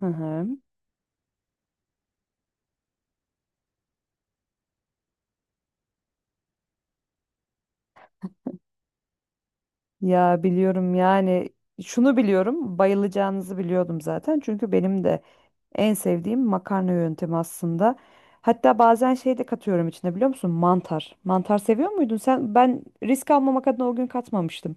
Hı hı. Ya biliyorum yani şunu biliyorum bayılacağınızı biliyordum zaten çünkü benim de en sevdiğim makarna yöntemi aslında. Hatta bazen şey de katıyorum içine biliyor musun? Mantar. Mantar seviyor muydun sen? Ben risk almamak adına o gün katmamıştım.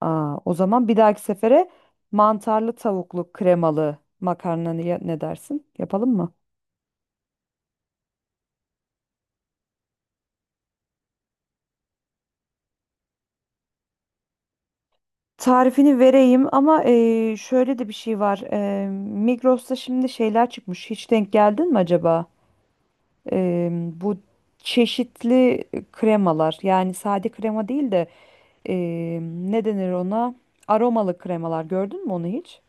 Aa, o zaman bir dahaki sefere mantarlı tavuklu kremalı makarna ne dersin? Yapalım mı? Tarifini vereyim ama şöyle de bir şey var. Migros'ta şimdi şeyler çıkmış. Hiç denk geldin mi acaba? Bu çeşitli kremalar yani sade krema değil de ne denir ona? Aromalı kremalar gördün mü onu hiç?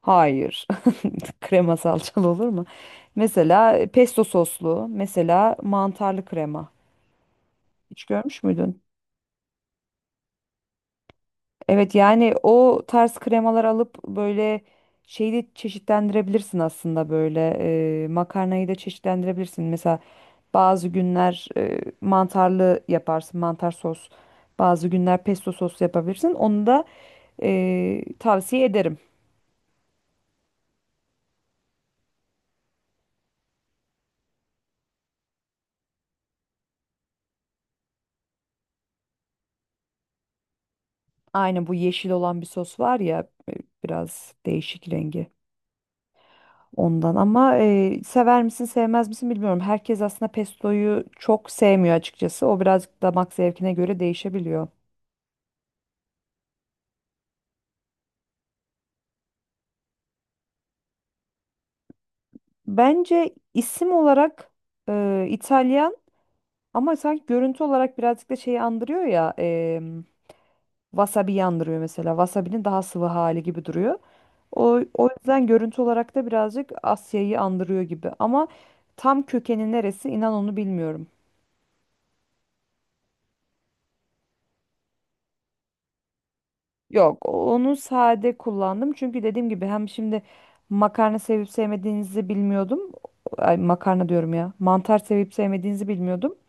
Hayır. Krema salçalı olur mu? Mesela pesto soslu, mesela mantarlı krema. Hiç görmüş müydün? Evet yani o tarz kremalar alıp böyle şeyi de çeşitlendirebilirsin aslında böyle makarnayı da çeşitlendirebilirsin. Mesela bazı günler mantarlı yaparsın, mantar sos. Bazı günler pesto sos yapabilirsin. Onu da tavsiye ederim. Aynı bu yeşil olan bir sos var ya biraz değişik rengi ondan ama sever misin sevmez misin bilmiyorum. Herkes aslında pestoyu çok sevmiyor açıkçası. O birazcık damak zevkine göre değişebiliyor. Bence isim olarak İtalyan ama sanki görüntü olarak birazcık da şeyi andırıyor ya. Wasabi yandırıyor mesela. Wasabi'nin daha sıvı hali gibi duruyor. O yüzden görüntü olarak da birazcık Asya'yı andırıyor gibi. Ama tam kökeni neresi inan onu bilmiyorum. Yok, onu sade kullandım. Çünkü dediğim gibi hem şimdi makarna sevip sevmediğinizi bilmiyordum. Ay, makarna diyorum ya. Mantar sevip sevmediğinizi bilmiyordum.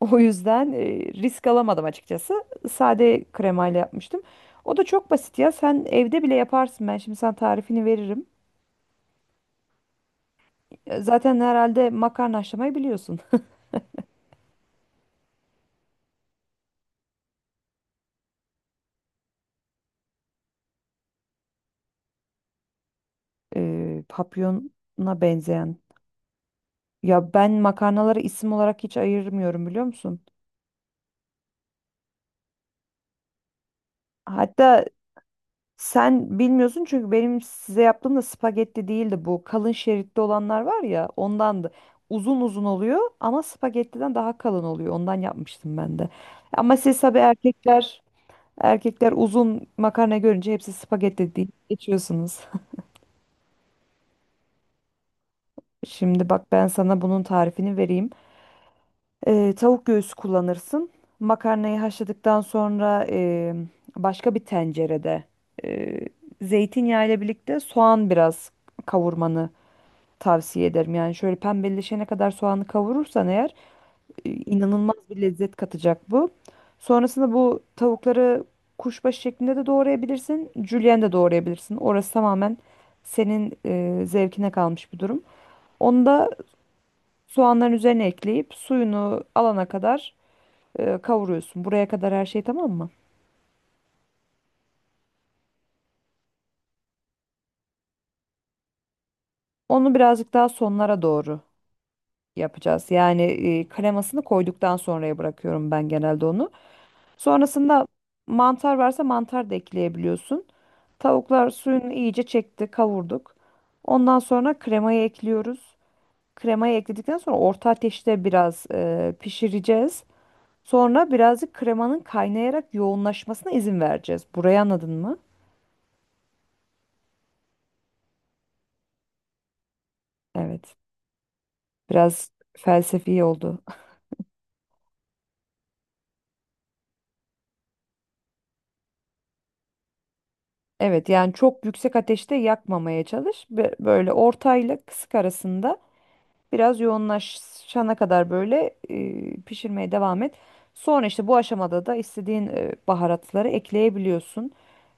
O yüzden risk alamadım açıkçası. Sade kremayla yapmıştım. O da çok basit ya. Sen evde bile yaparsın. Ben şimdi sana tarifini veririm. Ya zaten herhalde makarna haşlamayı biliyorsun. Papyona benzeyen. Ya ben makarnaları isim olarak hiç ayırmıyorum biliyor musun? Hatta sen bilmiyorsun çünkü benim size yaptığım da spagetti değildi bu. Kalın şeritli olanlar var ya ondandı. Uzun uzun oluyor ama spagettiden daha kalın oluyor. Ondan yapmıştım ben de. Ama siz tabii erkekler uzun makarna görünce hepsi spagetti deyip geçiyorsunuz. Şimdi bak ben sana bunun tarifini vereyim. Tavuk göğsü kullanırsın. Makarnayı haşladıktan sonra başka bir tencerede e, zeytinyağı ile birlikte soğan biraz kavurmanı tavsiye ederim. Yani şöyle pembeleşene kadar soğanı kavurursan eğer inanılmaz bir lezzet katacak bu. Sonrasında bu tavukları kuşbaşı şeklinde de doğrayabilirsin, julienne de doğrayabilirsin. Orası tamamen senin zevkine kalmış bir durum. Onu da soğanların üzerine ekleyip suyunu alana kadar kavuruyorsun. Buraya kadar her şey tamam mı? Onu birazcık daha sonlara doğru yapacağız. Yani kremasını koyduktan sonraya bırakıyorum ben genelde onu. Sonrasında mantar varsa mantar da ekleyebiliyorsun. Tavuklar suyunu iyice çekti, kavurduk. Ondan sonra kremayı ekliyoruz. Kremayı ekledikten sonra orta ateşte biraz pişireceğiz. Sonra birazcık kremanın kaynayarak yoğunlaşmasına izin vereceğiz. Burayı anladın mı? Evet. Biraz felsefi oldu. Evet yani çok yüksek ateşte yakmamaya çalış. Böyle ortayla kısık arasında biraz yoğunlaşana kadar böyle pişirmeye devam et. Sonra işte bu aşamada da istediğin baharatları ekleyebiliyorsun.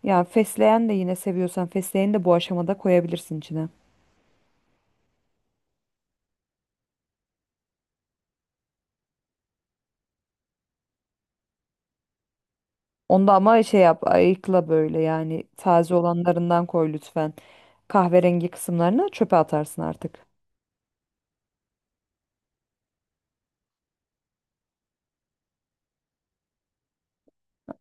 Yani fesleğen de yine seviyorsan fesleğeni de bu aşamada koyabilirsin içine. Onda ama şey yap ayıkla böyle yani taze olanlarından koy lütfen. Kahverengi kısımlarını çöpe atarsın artık.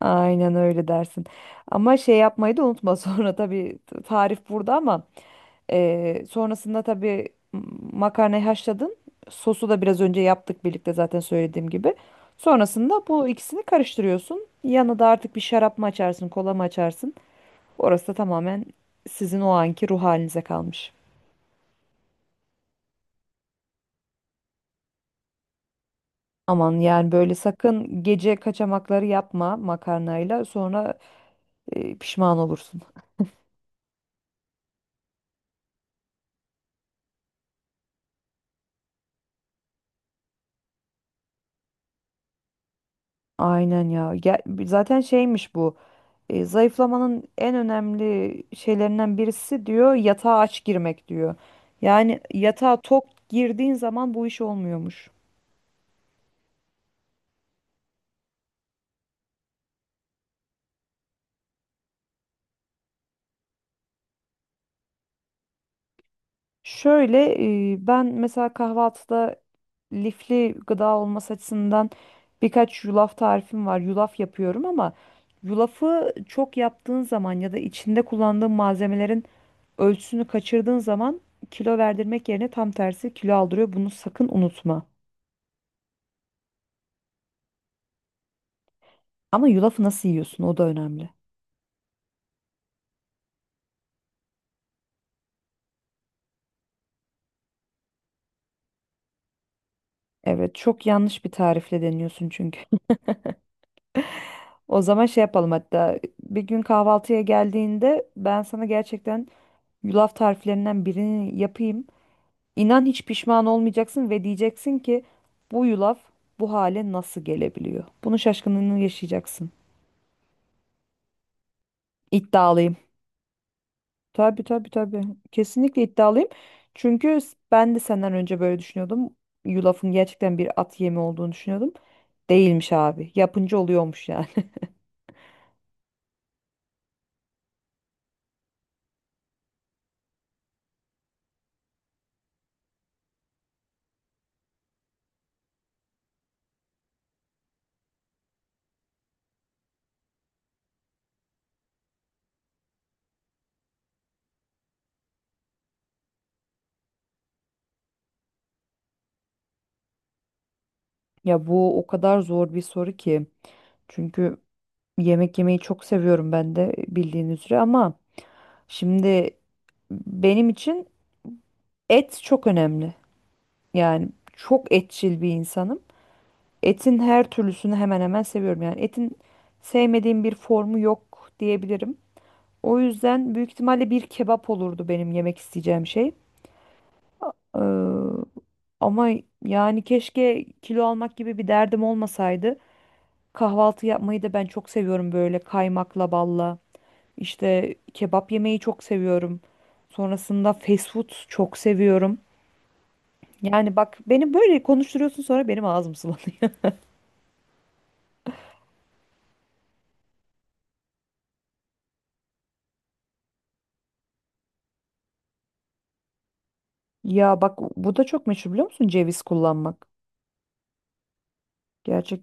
Aynen öyle dersin. Ama şey yapmayı da unutma sonra tabii tarif burada ama sonrasında tabii makarnayı haşladın. Sosu da biraz önce yaptık birlikte zaten söylediğim gibi. Sonrasında bu ikisini karıştırıyorsun. Yanına da artık bir şarap mı açarsın, kola mı açarsın? Orası da tamamen sizin o anki ruh halinize kalmış. Aman yani böyle sakın gece kaçamakları yapma makarnayla sonra pişman olursun. Aynen ya. Zaten şeymiş bu. Zayıflamanın en önemli şeylerinden birisi diyor yatağa aç girmek diyor. Yani yatağa tok girdiğin zaman bu iş olmuyormuş. Şöyle ben mesela kahvaltıda lifli gıda olması açısından birkaç yulaf tarifim var. Yulaf yapıyorum ama yulafı çok yaptığın zaman ya da içinde kullandığın malzemelerin ölçüsünü kaçırdığın zaman kilo verdirmek yerine tam tersi kilo aldırıyor. Bunu sakın unutma. Ama yulafı nasıl yiyorsun o da önemli. Evet, çok yanlış bir tarifle deniyorsun çünkü. O zaman şey yapalım hatta bir gün kahvaltıya geldiğinde ben sana gerçekten yulaf tariflerinden birini yapayım. İnan hiç pişman olmayacaksın ve diyeceksin ki bu yulaf bu hale nasıl gelebiliyor? Bunun şaşkınlığını yaşayacaksın. İddialıyım. Tabii tabii tabii. Kesinlikle iddialıyım. Çünkü ben de senden önce böyle düşünüyordum. Yulafın gerçekten bir at yemi olduğunu düşünüyordum. Değilmiş abi. Yapınca oluyormuş yani. Ya bu o kadar zor bir soru ki. Çünkü yemek yemeyi çok seviyorum ben de bildiğin üzere ama şimdi benim için et çok önemli. Yani çok etçil bir insanım. Etin her türlüsünü hemen hemen seviyorum. Yani etin sevmediğim bir formu yok diyebilirim. O yüzden büyük ihtimalle bir kebap olurdu benim yemek isteyeceğim şey. Ee, ama yani keşke kilo almak gibi bir derdim olmasaydı. Kahvaltı yapmayı da ben çok seviyorum böyle kaymakla balla. İşte kebap yemeyi çok seviyorum. Sonrasında fast food çok seviyorum. Yani bak beni böyle konuşturuyorsun sonra benim ağzım sulanıyor. Ya bak bu da çok meşhur biliyor musun ceviz kullanmak. Gerçek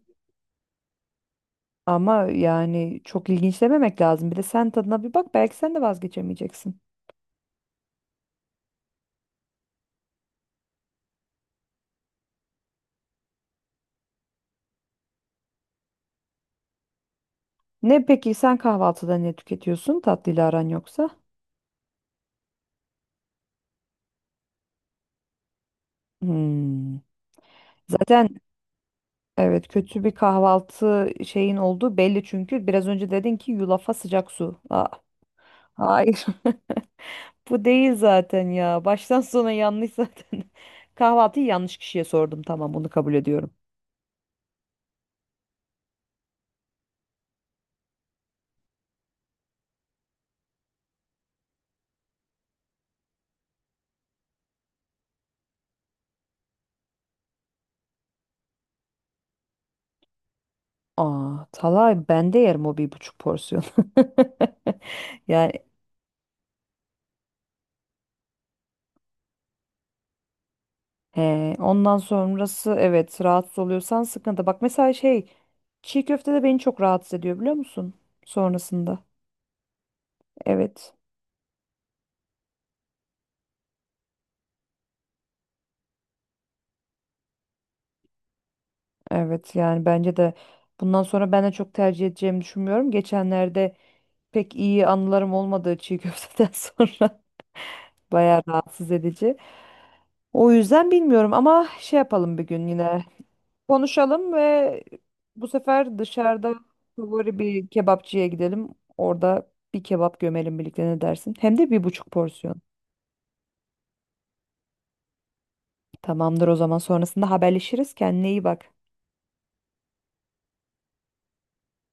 ama yani çok ilginç dememek lazım. Bir de sen tadına bir bak belki sen de vazgeçemeyeceksin. Ne peki sen kahvaltıda ne tüketiyorsun? Tatlıyla aran yoksa? Hmm. Zaten Evet, kötü bir kahvaltı şeyin olduğu belli çünkü. Biraz önce dedin ki yulafa sıcak su. Aa, hayır. Bu değil zaten ya. Baştan sona yanlış zaten. Kahvaltıyı yanlış kişiye sordum. Tamam, bunu kabul ediyorum. Aa, Talay ben de yerim o 1,5 porsiyon. Yani he, ondan sonrası evet rahatsız oluyorsan sıkıntı. Bak mesela şey çiğ köfte de beni çok rahatsız ediyor biliyor musun? Sonrasında. Evet. Evet yani bence de bundan sonra ben de çok tercih edeceğimi düşünmüyorum. Geçenlerde pek iyi anılarım olmadığı çiğ köfteden sonra bayağı rahatsız edici. O yüzden bilmiyorum ama şey yapalım bir gün yine konuşalım ve bu sefer dışarıda favori bir kebapçıya gidelim. Orada bir kebap gömelim birlikte ne dersin? Hem de 1,5 porsiyon. Tamamdır o zaman sonrasında haberleşiriz. Kendine iyi bak.